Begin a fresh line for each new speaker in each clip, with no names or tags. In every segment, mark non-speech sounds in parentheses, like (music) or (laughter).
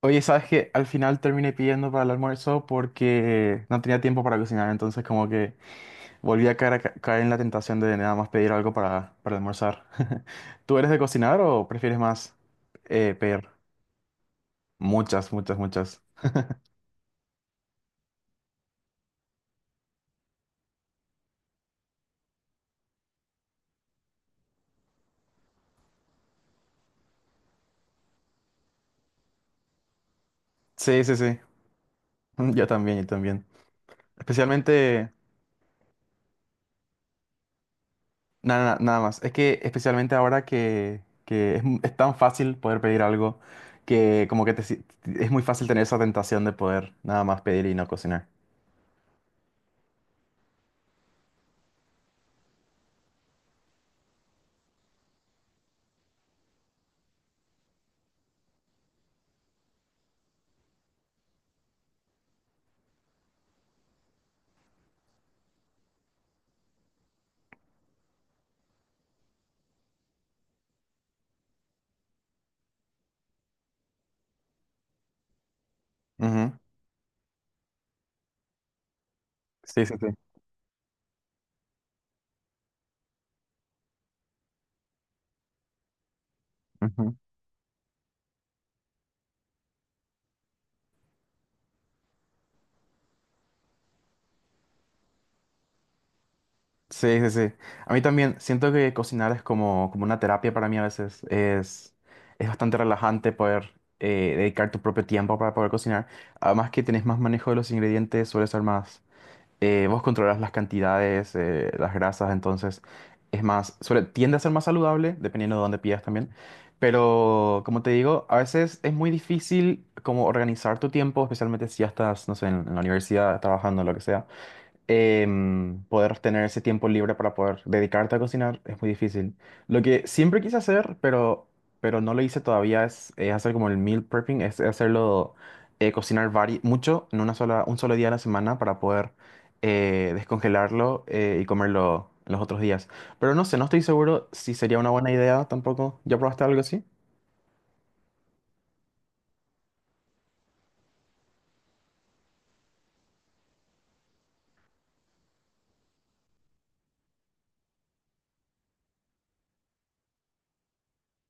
Oye, ¿sabes qué? Al final terminé pidiendo para el almuerzo porque no tenía tiempo para cocinar, entonces como que volví a caer, caer en la tentación de nada más pedir algo para almorzar. (laughs) ¿Tú eres de cocinar o prefieres más pedir? Muchas, muchas, muchas. Sí, sí, sí. (laughs) Yo también, yo también. Especialmente, nada, nada, nada más. Es que especialmente ahora que es, es tan fácil poder pedir algo que como que te si- es muy fácil tener esa tentación de poder nada más pedir y no cocinar. Ujú. Sí, sí, sí. Ujú. Sí, sí, sí. A mí también siento que cocinar es como una terapia para mí a veces. Es bastante relajante poder dedicar tu propio tiempo para poder cocinar. Además que tenés más manejo de los ingredientes, suele ser más... vos controlas las cantidades, las grasas, entonces es más... Suele, tiende a ser más saludable, dependiendo de dónde pidas también. Pero como te digo, a veces es muy difícil como organizar tu tiempo, especialmente si ya estás, no sé, en la universidad, trabajando, lo que sea. Poder tener ese tiempo libre para poder dedicarte a cocinar es muy difícil. Lo que siempre quise hacer, pero no lo hice todavía, hacer como el meal prepping, es cocinar mucho en una un solo día a la semana para poder descongelarlo y comerlo los otros días. Pero no sé, no estoy seguro si sería una buena idea tampoco. ¿Ya probaste algo así?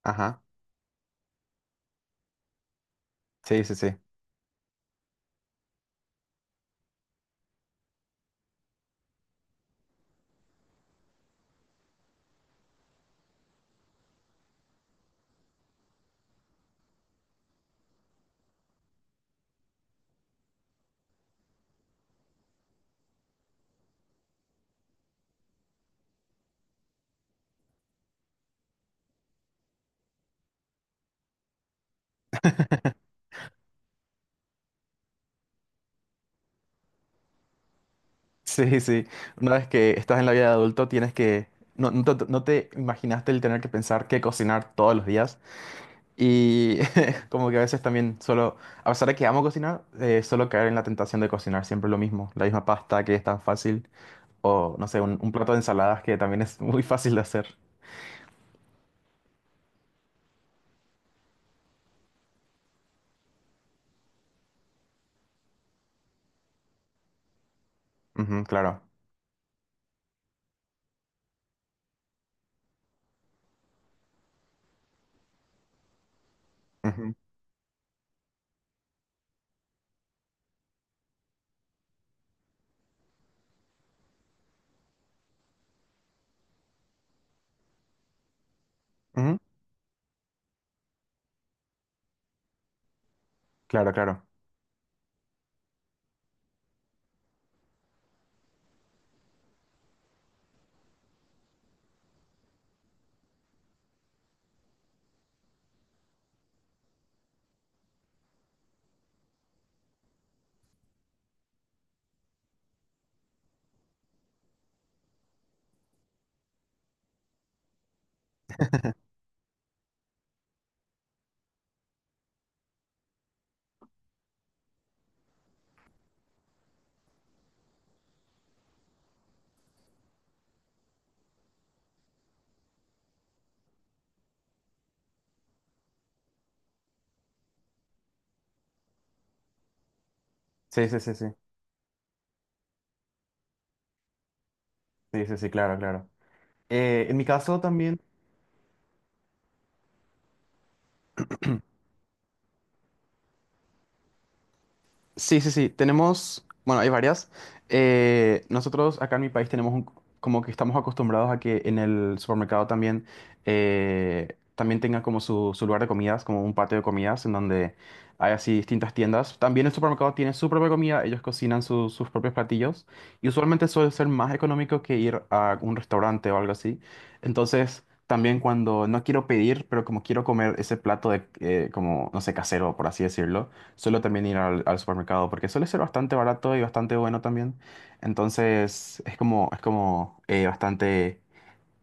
Ajá, sí, sí, sí. Sí, sí. Una vez que estás en la vida de adulto, tienes que... No, no te imaginaste el tener que pensar qué cocinar todos los días. Y (laughs) como que a veces también solo... A pesar de que amo cocinar, solo caer en la tentación de cocinar siempre lo mismo. La misma pasta que es tan fácil. O, no sé, un plato de ensaladas que también es (laughs) muy fácil de hacer. Ujú, claro. Ujú, ujú. Claro, claro. Sí, sí, sí, sí. Sí, sí, sí, claro, claro. En mi caso también... Sí, sí, sí. Tenemos, bueno, hay varias. Nosotros acá en mi país tenemos un- como que estamos acostumbrados a que en el supermercado también, también tenga como su lugar de comidas, como un patio de comidas en donde hay así distintas tiendas. También el supermercado tiene su propia comida, ellos cocinan sus propios platillos y usualmente suele ser más económico que ir a un restaurante o algo así. Entonces, también cuando no quiero pedir, pero como quiero comer ese plato de, como, no sé, casero, por así decirlo. Suelo también ir al supermercado porque suele ser bastante barato y bastante bueno también. Entonces es como bastante,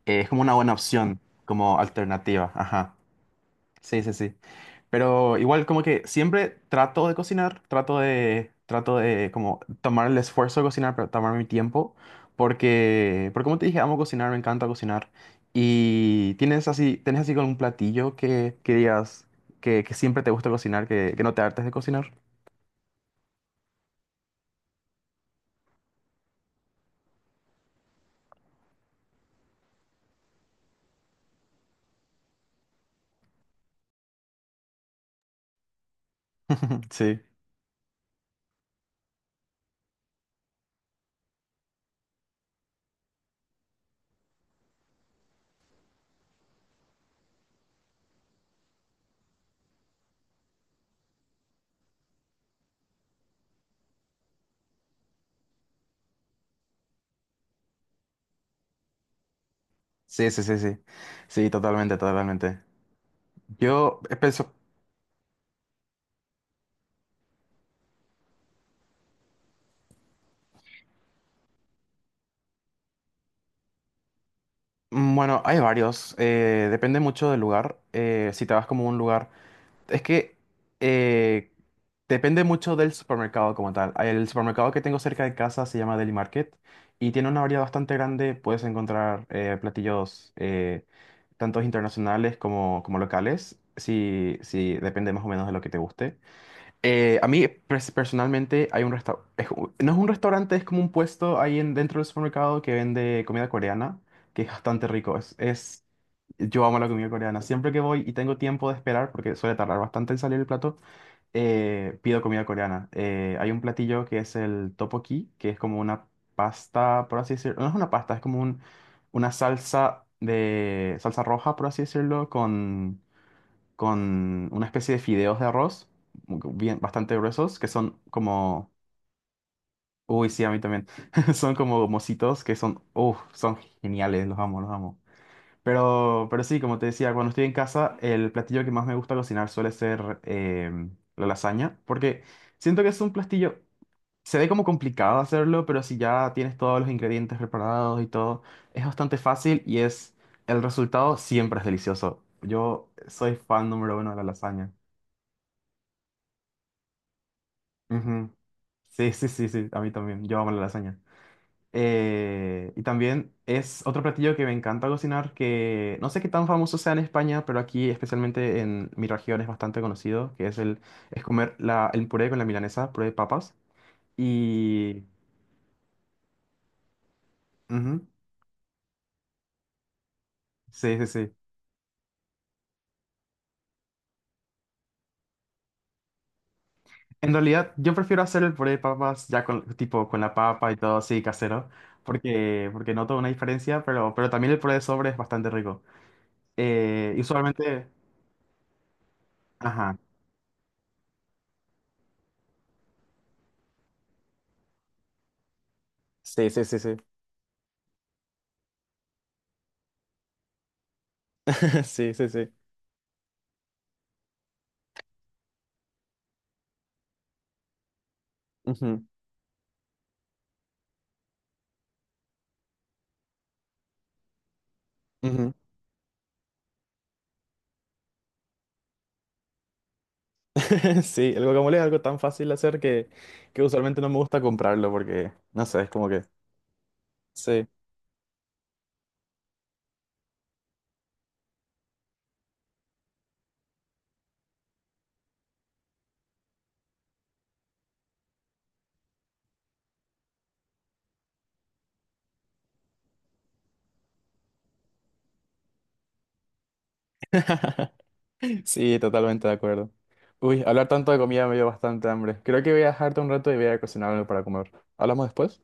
es como una buena opción, como alternativa. Ajá. Sí, sí, sí. Pero igual como que siempre trato de cocinar, trato trato de como tomar el esfuerzo de cocinar, pero tomar mi tiempo. Porque como te dije, amo cocinar, me encanta cocinar. Y tienes así con un platillo que digas que siempre te gusta cocinar, que no te hartes de cocinar. (laughs) Sí, sí, sí, sí, sí. Sí, totalmente, totalmente. Yo mm, bueno, hay varios. Eh, depende mucho del lugar. Eh, si te vas como a un lugar. Es que eh, depende mucho del supermercado como tal. El supermercado que tengo cerca de casa se llama Deli Market y tiene una variedad bastante grande. Puedes encontrar platillos tantos internacionales como, como locales. Si depende más o menos de lo que te guste. A mí personalmente hay un restaurante, no es un restaurante, es como un puesto ahí en, dentro del supermercado que vende comida coreana, que es bastante rico. Es- yo amo la comida coreana. Siempre que voy y tengo tiempo de esperar, porque suele tardar bastante en salir el plato, pido comida coreana. Hay un platillo que es el tteokbokki, que es como una pasta, por así decirlo. No es una pasta, es como una salsa de salsa roja, por así decirlo, con una especie de fideos de arroz, bien, bastante gruesos, que son como... Uy, sí, a mí también. (laughs) Son como mocitos que son... Uf, son geniales, los amo, los amo. Pero sí, como te decía, cuando estoy en casa, el platillo que más me gusta cocinar suele ser la lasaña, porque siento que es un platillo... Se ve como complicado hacerlo, pero si ya tienes todos los ingredientes preparados y todo, es bastante fácil y es... El resultado siempre es delicioso. Yo soy fan número 1 de la lasaña. Ujú. Sí, sí, sí, sí, a mí también. Yo amo la lasaña. Y también es otro platillo que me encanta cocinar, que no sé qué tan famoso sea en España, pero aquí, especialmente en mi región, es bastante conocido, que es el es comer el puré con la milanesa, puré de papas. Y... ujú, sí, sí, sí. En realidad, yo prefiero hacer el puré de papas ya con, tipo, con la papa y todo así, casero, porque noto una diferencia, pero también el puré de sobre es bastante rico. Y usualmente... Ajá. Sí, sí, sí, sí. (laughs) Sí, sí, sí. Ujú, ujú. (laughs) Sí, el guacamole es algo tan fácil de hacer que usualmente no me gusta comprarlo porque, no sé, es como que... Sí. (laughs) Sí, totalmente de acuerdo. Uy, hablar tanto de comida me dio bastante hambre. Creo que voy a dejarte un rato y voy a cocinar algo para comer. ¿Hablamos después?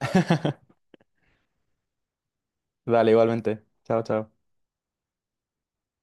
(laughs) Dale, igualmente. Chao, chao.